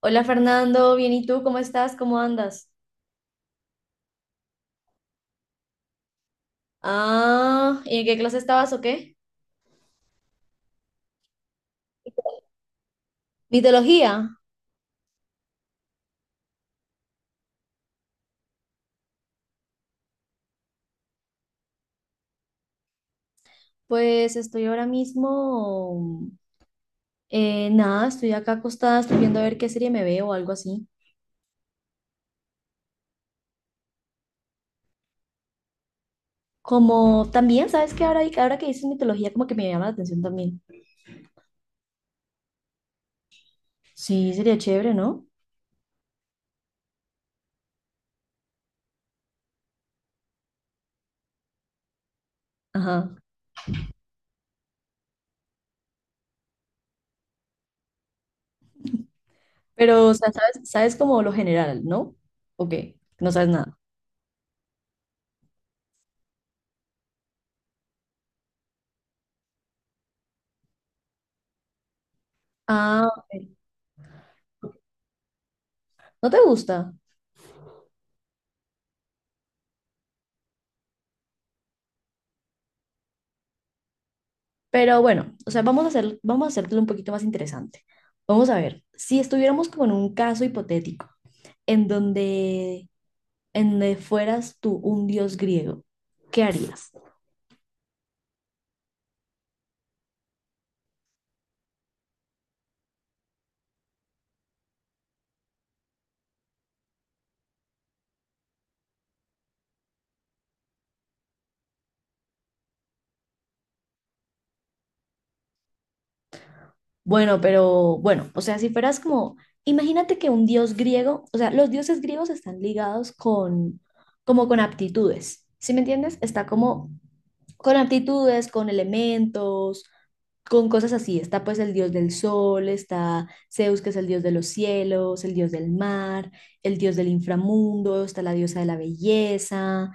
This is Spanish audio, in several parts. Hola Fernando, bien, ¿y tú? ¿Cómo estás? ¿Cómo andas? Ah, ¿y en qué clase estabas o qué? Mitología. Pues estoy ahora mismo, nada, estoy acá acostada, estoy viendo a ver qué serie me veo o algo así. Como también, ¿sabes qué? Ahora que dices mitología, como que me llama la atención también. Sí, sería chévere, ¿no? Ajá. Pero, o sea, ¿sabes como lo general, ¿no? ¿O qué? No sabes nada. Ah, ok. ¿No te gusta? Pero bueno, o sea, vamos a hacértelo un poquito más interesante. Vamos a ver, si estuviéramos como en un caso hipotético, en donde, en donde fueras tú un dios griego, ¿qué harías? Bueno, pero bueno, o sea, si fueras como, imagínate que un dios griego, o sea, los dioses griegos están ligados con, como con aptitudes, ¿sí me entiendes? Está como con aptitudes, con elementos, con cosas así. Está pues el dios del sol, está Zeus, que es el dios de los cielos, el dios del mar, el dios del inframundo, está la diosa de la belleza,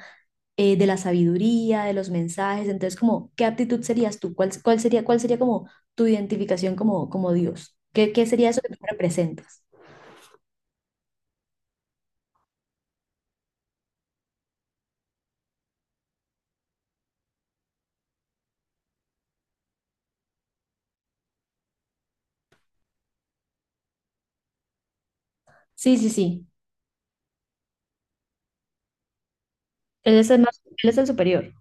de la sabiduría, de los mensajes. Entonces, como, ¿qué aptitud serías tú? ¿Cuál sería, cuál sería como tu identificación como, como Dios? ¿Qué, qué sería eso que tú representas? Sí, sí, sí. Él es el más, él es el superior.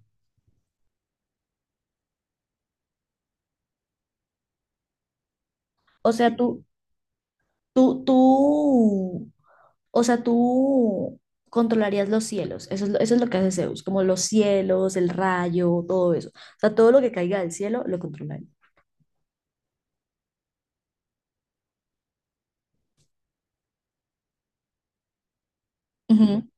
O sea, tú, tú, o sea, tú controlarías los cielos. Eso es, eso es lo que hace Zeus, como los cielos, el rayo, todo eso. O sea, todo lo que caiga del cielo lo controlaría. Ujú.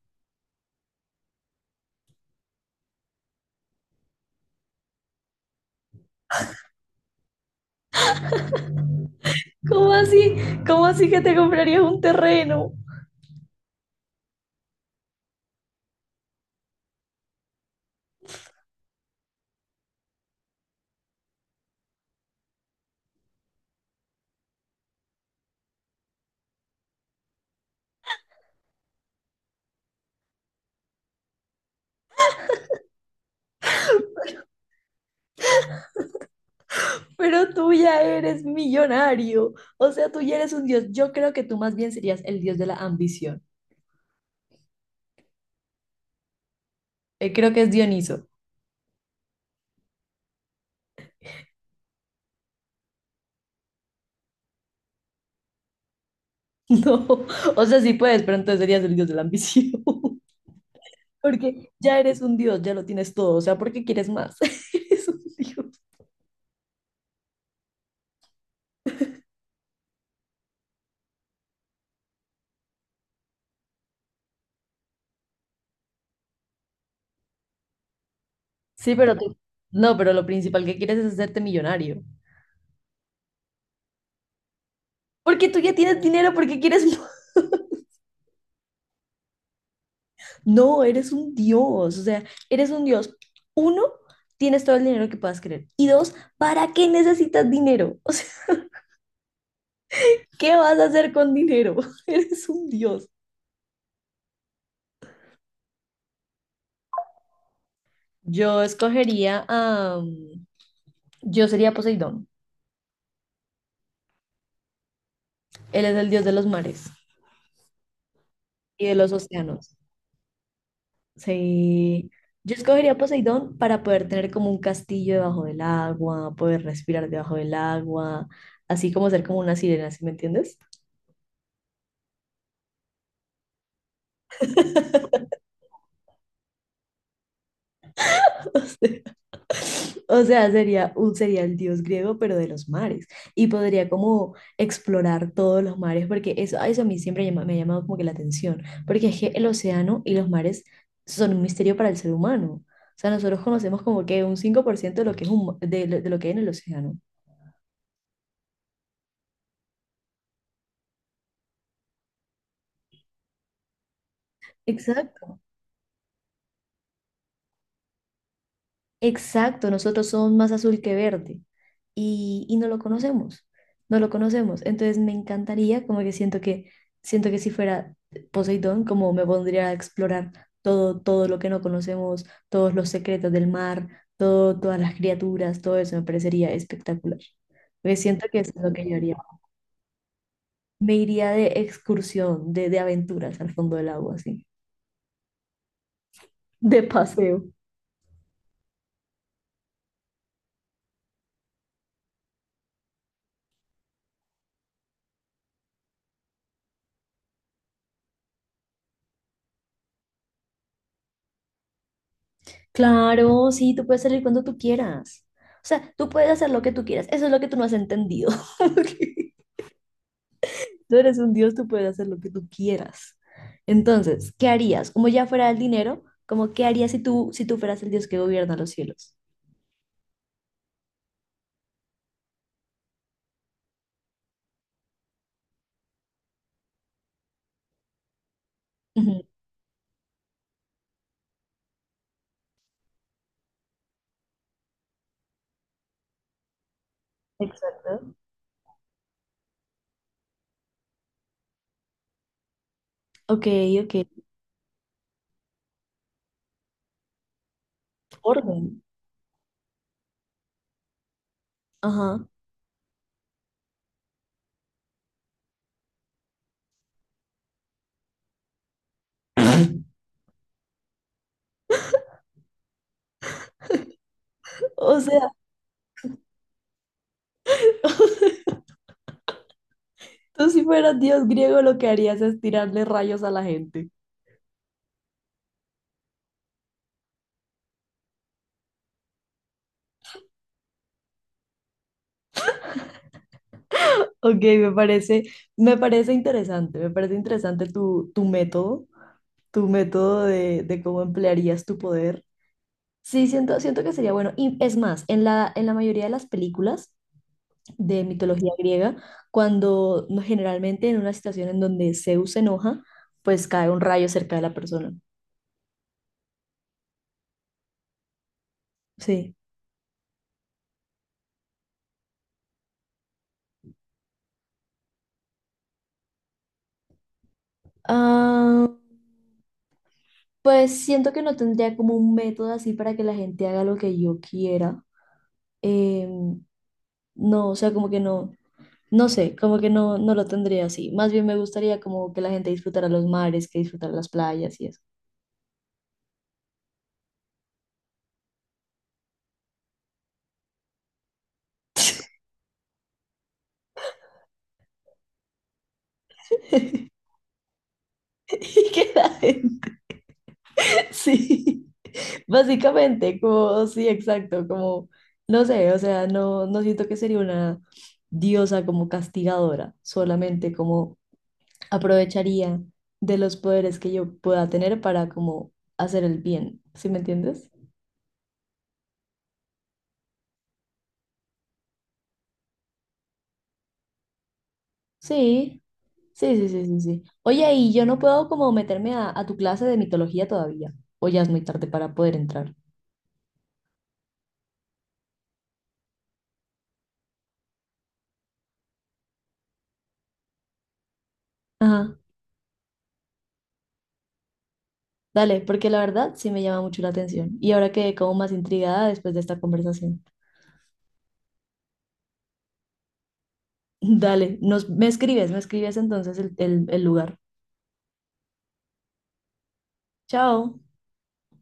¿Cómo así? ¿Cómo así que te comprarías un terreno? Pero tú ya eres millonario. O sea, tú ya eres un dios. Yo creo que tú más bien serías el dios de la ambición. Creo que es Dioniso. No, o sea, sí puedes, pero entonces serías el dios de la ambición. Porque ya eres un dios, ya lo tienes todo. O sea, ¿por qué quieres más? Eres un dios. Sí, pero tú. No, pero lo principal que quieres es hacerte millonario. Porque tú ya tienes dinero, porque quieres. ¿Más? No, eres un dios. O sea, eres un dios. Uno, tienes todo el dinero que puedas querer. Y dos, ¿para qué necesitas dinero? O sea, ¿qué vas a hacer con dinero? Eres un dios. Yo escogería a. Yo sería Poseidón. Él es el dios de los mares y de los océanos. Sí. Yo escogería Poseidón para poder tener como un castillo debajo del agua, poder respirar debajo del agua, así como ser como una sirena, ¿sí me entiendes? O sea, sería el dios griego, pero de los mares. Y podría como explorar todos los mares, porque eso, a eso a mí siempre me ha llamado como que la atención, porque es que el océano y los mares son un misterio para el ser humano. O sea, nosotros conocemos como que un 5% de lo que es un, de lo que hay en el océano. Exacto. Exacto, nosotros somos más azul que verde y no lo conocemos, no lo conocemos. Entonces me encantaría, como que siento que si fuera Poseidón, como me pondría a explorar todo lo que no conocemos, todos los secretos del mar, todo, todas las criaturas, todo eso me parecería espectacular. Porque siento que eso es lo que yo haría. Me iría de excursión, de aventuras al fondo del agua, así, de paseo. Claro, sí, tú puedes salir cuando tú quieras. O sea, tú puedes hacer lo que tú quieras. Eso es lo que tú no has entendido. Tú eres un dios, tú puedes hacer lo que tú quieras. Entonces, ¿qué harías? Como ya fuera el dinero, como qué harías si tú fueras el dios que gobierna los cielos? Ujú, exacto. Ok, ok. Orden. Ajá. O sea, tú si fueras dios griego, lo que harías es tirarle rayos a la gente. Ok, me parece interesante tu, tu método. Tu método de cómo emplearías tu poder. Sí, siento que sería bueno. Y es más, en la mayoría de las películas de mitología griega, cuando no- generalmente en una situación en donde Zeus se enoja, pues cae un rayo cerca de la persona. Sí. Ah, pues siento que no tendría como un método así para que la gente haga lo que yo quiera. Em, no, o sea, como que no, no sé, como que no, no lo tendría así. Más bien me gustaría como que la gente disfrutara los mares, que disfrutara las playas y eso. Y queda en- Sí, básicamente, como, sí, exacto, como, no sé, o sea, no, no siento que sería una diosa como castigadora, solamente como aprovecharía de los poderes que yo pueda tener para como hacer el bien, ¿sí me entiendes? Sí, sí, sí, sí, sí, sí. Oye, y yo no puedo como meterme a tu clase de mitología todavía, o ya es muy tarde para poder entrar. Ajá. Dale, porque la verdad sí me llama mucho la atención y ahora quedé como más intrigada después de esta conversación. Dale, me escribes entonces el lugar. Chao.